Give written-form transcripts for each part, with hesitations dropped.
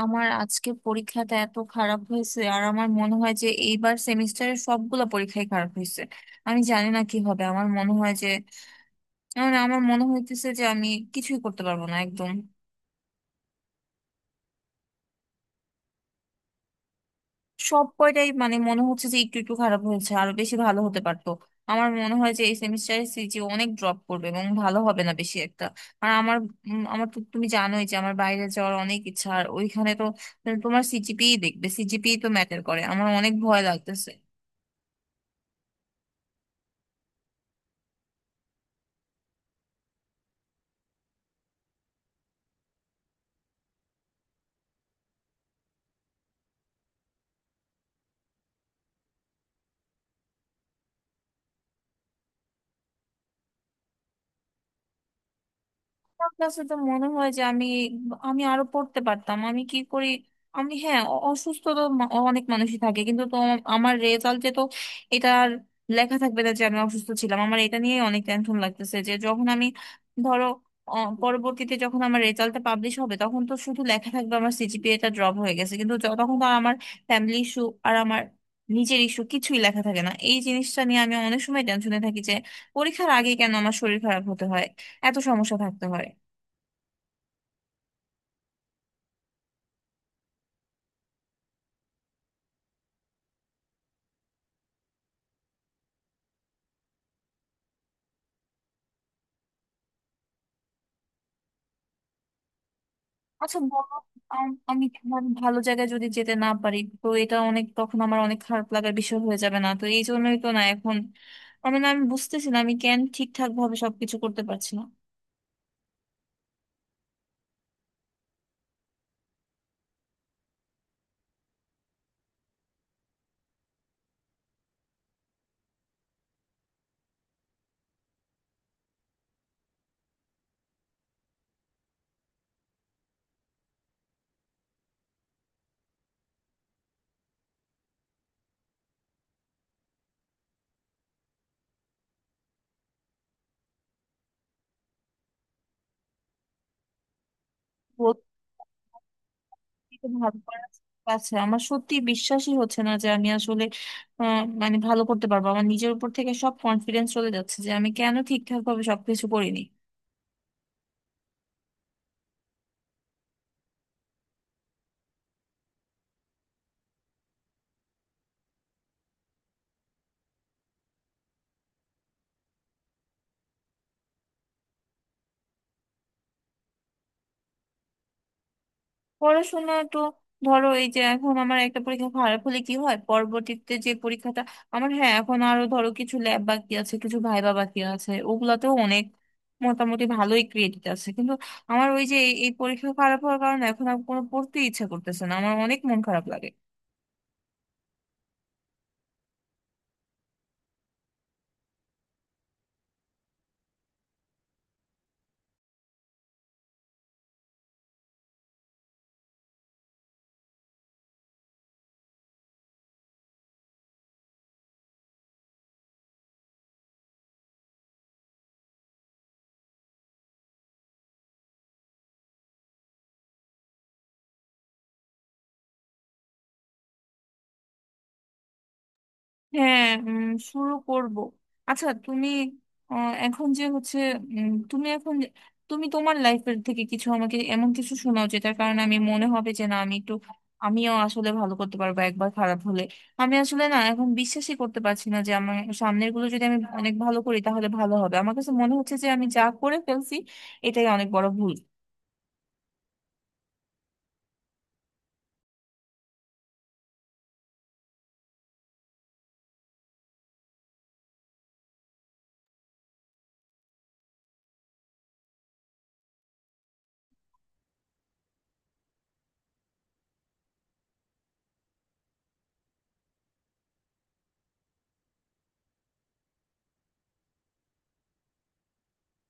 আমার আজকে পরীক্ষাটা এত খারাপ হয়েছে, আর আমার মনে হয় যে এইবার সেমিস্টারের সবগুলো পরীক্ষাই খারাপ হয়েছে। আমি জানি না কি হবে, আমার মনে হয় যে মানে আমার মনে হইতেছে যে আমি কিছুই করতে পারবো না একদম। সব কয়টাই মানে মনে হচ্ছে যে একটু একটু খারাপ হয়েছে, আরো বেশি ভালো হতে পারতো। আমার মনে হয় যে এই সেমিস্টারে সিজি অনেক ড্রপ করবে এবং ভালো হবে না বেশি একটা। আর আমার আমার তো তুমি জানোই যে আমার বাইরে যাওয়ার অনেক ইচ্ছা, আর ওইখানে তো তোমার সিজিপিই দেখবে, সিজিপিই তো ম্যাটার করে। আমার অনেক ভয় লাগতেছে। আমার কাছে তো মনে হয় যে আমি আমি আরো পড়তে পারতাম। আমি কি করি? আমি হ্যাঁ অসুস্থ তো অনেক মানুষই থাকে, কিন্তু তো আমার রেজাল্টে তো এটা আর লেখা থাকবে না যে আমি অসুস্থ ছিলাম। আমার এটা নিয়ে অনেক টেনশন লাগতেছে যে যখন আমি, ধরো, অ, পরবর্তীতে যখন আমার রেজাল্টটা পাবলিশ হবে তখন তো শুধু লেখা থাকবে আমার সিজিপিএটা ড্রপ হয়ে গেছে, কিন্তু তখন তো আর আমার ফ্যামিলি ইস্যু আর আমার নিজের ইস্যু কিছুই লেখা থাকে না। এই জিনিসটা নিয়ে আমি অনেক সময় টেনশনে থাকি যে পরীক্ষার আগে কেন আমার শরীর খারাপ হতে হয়, এত সমস্যা থাকতে হয়। আচ্ছা বলো। আমি তোমার, ভালো জায়গায় যদি যেতে না পারি তো এটা অনেক, তখন আমার অনেক খারাপ লাগার বিষয় হয়ে যাবে না, তো এই জন্যই তো না এখন। আমি না, আমি বুঝতেছি না আমি কেন ঠিকঠাক ভাবে সবকিছু করতে পারছি না। সত্যি তো ভালো করার আছে। আমার সত্যি বিশ্বাসই হচ্ছে না যে আমি আসলে, মানে ভালো করতে পারবো। আমার নিজের উপর থেকে সব কনফিডেন্স চলে যাচ্ছে যে আমি কেন ঠিকঠাক ভাবে সবকিছু করিনি। পড়াশোনা তো ধরো, এই যে এখন আমার একটা পরীক্ষা খারাপ হলে কি হয়? পরবর্তীতে যে পরীক্ষাটা আমার, হ্যাঁ, এখন আরো ধরো কিছু ল্যাব বাকি আছে, কিছু ভাইবা বাকি আছে, ওগুলাতেও অনেক মোটামুটি ভালোই ক্রেডিট আছে। কিন্তু আমার ওই যে এই এই পরীক্ষা খারাপ হওয়ার কারণে এখন আর কোনো পড়তে ইচ্ছা করতেছে না, আমার অনেক মন খারাপ লাগে। হ্যাঁ, শুরু করব। আচ্ছা তুমি, এখন যে হচ্ছে, তুমি এখন তুমি তোমার লাইফের থেকে কিছু আমাকে, এমন কিছু শোনাও যেটার কারণে আমি মনে হবে যে না, আমি একটু, আমিও আসলে ভালো করতে পারবো একবার খারাপ হলে। আমি আসলে না, এখন বিশ্বাসই করতে পারছি না যে আমার সামনের গুলো যদি আমি অনেক ভালো করি তাহলে ভালো হবে। আমার কাছে মনে হচ্ছে যে আমি যা করে ফেলছি এটাই অনেক বড় ভুল।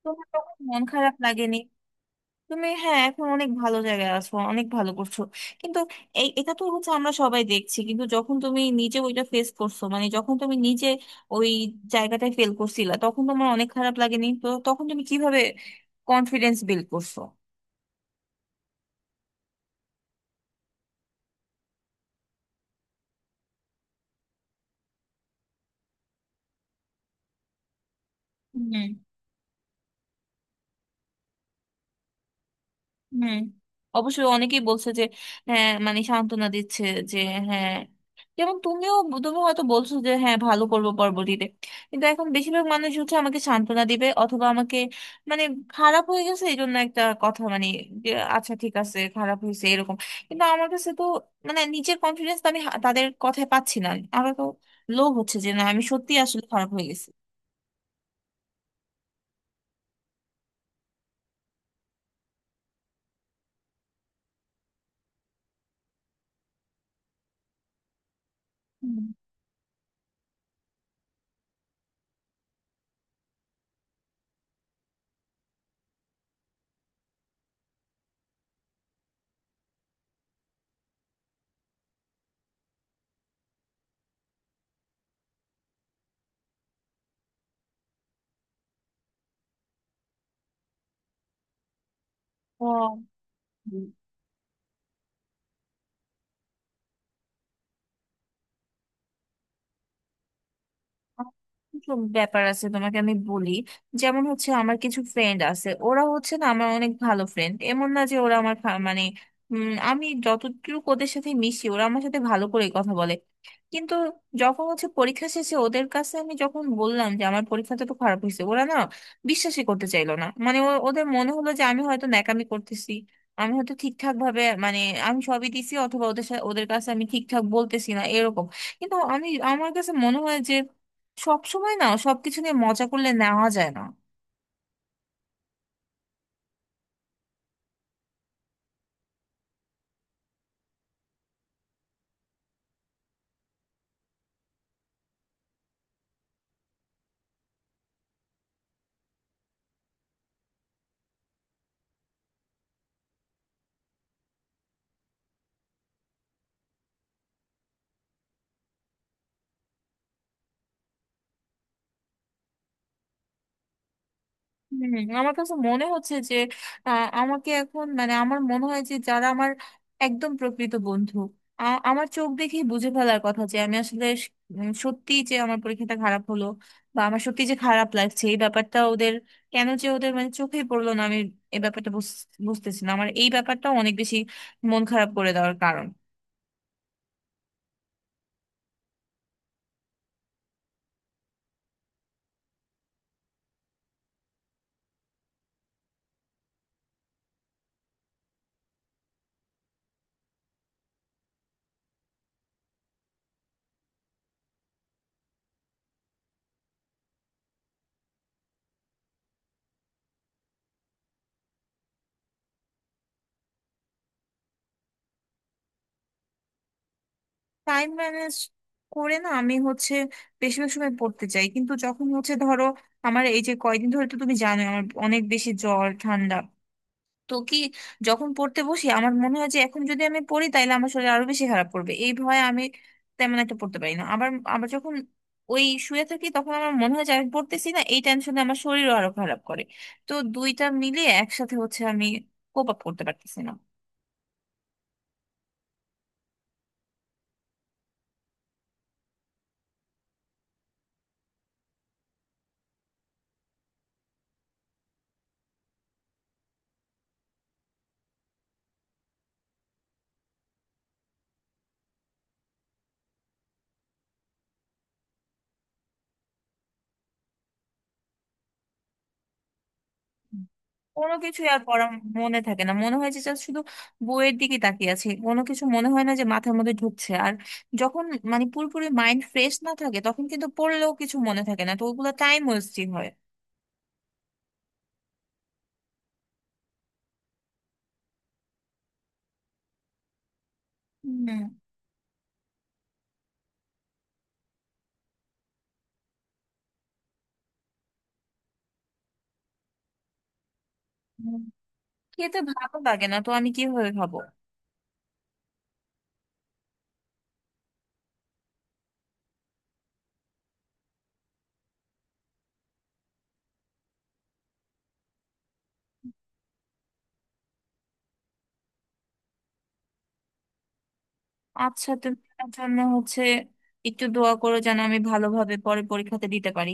তোমার তখন মন খারাপ লাগেনি? তুমি, হ্যাঁ, এখন অনেক ভালো জায়গায় আছো, অনেক ভালো করছো, কিন্তু এই এটা তো হচ্ছে আমরা সবাই দেখছি। কিন্তু যখন তুমি নিজে ওইটা ফেস করছো, মানে যখন তুমি নিজে ওই জায়গাটায় ফেল করছিলা তখন তোমার অনেক খারাপ লাগেনি? তো তখন তুমি কিভাবে কনফিডেন্স বিল্ড করছো? হুম। অবশ্যই অনেকেই বলছে যে হ্যাঁ, মানে সান্ত্বনা দিচ্ছে যে হ্যাঁ, যেমন তুমিও, তুমি হয়তো বলছো যে হ্যাঁ ভালো করবো পরবর্তীতে। কিন্তু এখন বেশিরভাগ মানুষ হচ্ছে আমাকে সান্ত্বনা দিবে, অথবা আমাকে, মানে, খারাপ হয়ে গেছে এই জন্য একটা কথা, মানে যে আচ্ছা ঠিক আছে খারাপ হয়েছে এরকম। কিন্তু আমার কাছে তো মানে নিজের কনফিডেন্স তো আমি তাদের কথায় পাচ্ছি না। আমার তো লোভ হচ্ছে যে না, আমি সত্যি আসলে খারাপ হয়ে গেছি। হুম। ও, কিছু ব্যাপার আছে, তোমাকে আমি বলি। যেমন হচ্ছে আমার কিছু ফ্রেন্ড আছে, ওরা হচ্ছে না আমার অনেক ভালো ফ্রেন্ড, এমন না যে ওরা আমার মানে, আমি যতটুকু ওদের সাথে মিশি ওরা আমার সাথে ভালো করে কথা বলে। কিন্তু যখন হচ্ছে পরীক্ষা শেষে ওদের কাছে আমি যখন বললাম যে আমার পরীক্ষাটা তো খারাপ হয়েছে, ওরা না বিশ্বাসই করতে চাইলো না। মানে ওদের মনে হলো যে আমি হয়তো ন্যাকামি করতেছি, আমি হয়তো ঠিকঠাক ভাবে, মানে আমি সবই দিছি, অথবা ওদের সাথে, ওদের কাছে আমি ঠিকঠাক বলতেছি না এরকম। কিন্তু আমি, আমার কাছে মনে হয় যে সব সময় না সবকিছু নিয়ে মজা করলে নেওয়া যায় না। হুম, আমার কাছে মনে হচ্ছে যে আমাকে এখন, মানে আমার মনে হয় যে যারা আমার একদম প্রকৃত বন্ধু, আমার চোখ দেখেই বুঝে ফেলার কথা যে আমি আসলে সত্যি যে আমার পরীক্ষাটা খারাপ হলো বা আমার সত্যি যে খারাপ লাগছে, এই ব্যাপারটা ওদের কেন যে ওদের মানে চোখেই পড়লো না। আমি এই ব্যাপারটা বুঝতেছি না। আমার এই ব্যাপারটা অনেক বেশি মন খারাপ করে দেওয়ার কারণ। টাইম ম্যানেজ করে না, আমি হচ্ছে বেশিরভাগ সময় পড়তে চাই, কিন্তু যখন হচ্ছে ধরো আমার এই যে কয়দিন ধরে তো তুমি জানো আমার অনেক বেশি জ্বর ঠান্ডা, তো কি, যখন পড়তে বসি আমার মনে হয় যে এখন যদি আমি পড়ি তাহলে আমার শরীর আরো বেশি খারাপ করবে, এই ভয়ে আমি তেমন একটা পড়তে পারি না। আবার, যখন ওই শুয়ে থাকি তখন আমার মনে হয় যে আমি পড়তেছি না, এই টেনশনে আমার শরীরও আরো খারাপ করে। তো দুইটা মিলিয়ে একসাথে হচ্ছে আমি কোপ আপ করতে পারতেছি না। কোনো কিছুই আর পড়া মনে থাকে না, মনে হয় যে just শুধু বইয়ের দিকে তাকিয়ে আছে, কোনো কিছু মনে হয় না যে মাথার মধ্যে ঢুকছে। আর যখন মানে পুরোপুরি মাইন্ড ফ্রেশ না থাকে তখন কিন্তু পড়লেও কিছু মনে থাকে না, তো ওগুলো টাইম ওয়েস্টিং হয়। হুম। হুম। খেতে ভালো লাগে না, তো আমি কিভাবে খাবো? আচ্ছা তুমি আমার জন্য হচ্ছে একটু দোয়া করো যেন আমি ভালোভাবে পরে পরীক্ষাতে দিতে পারি।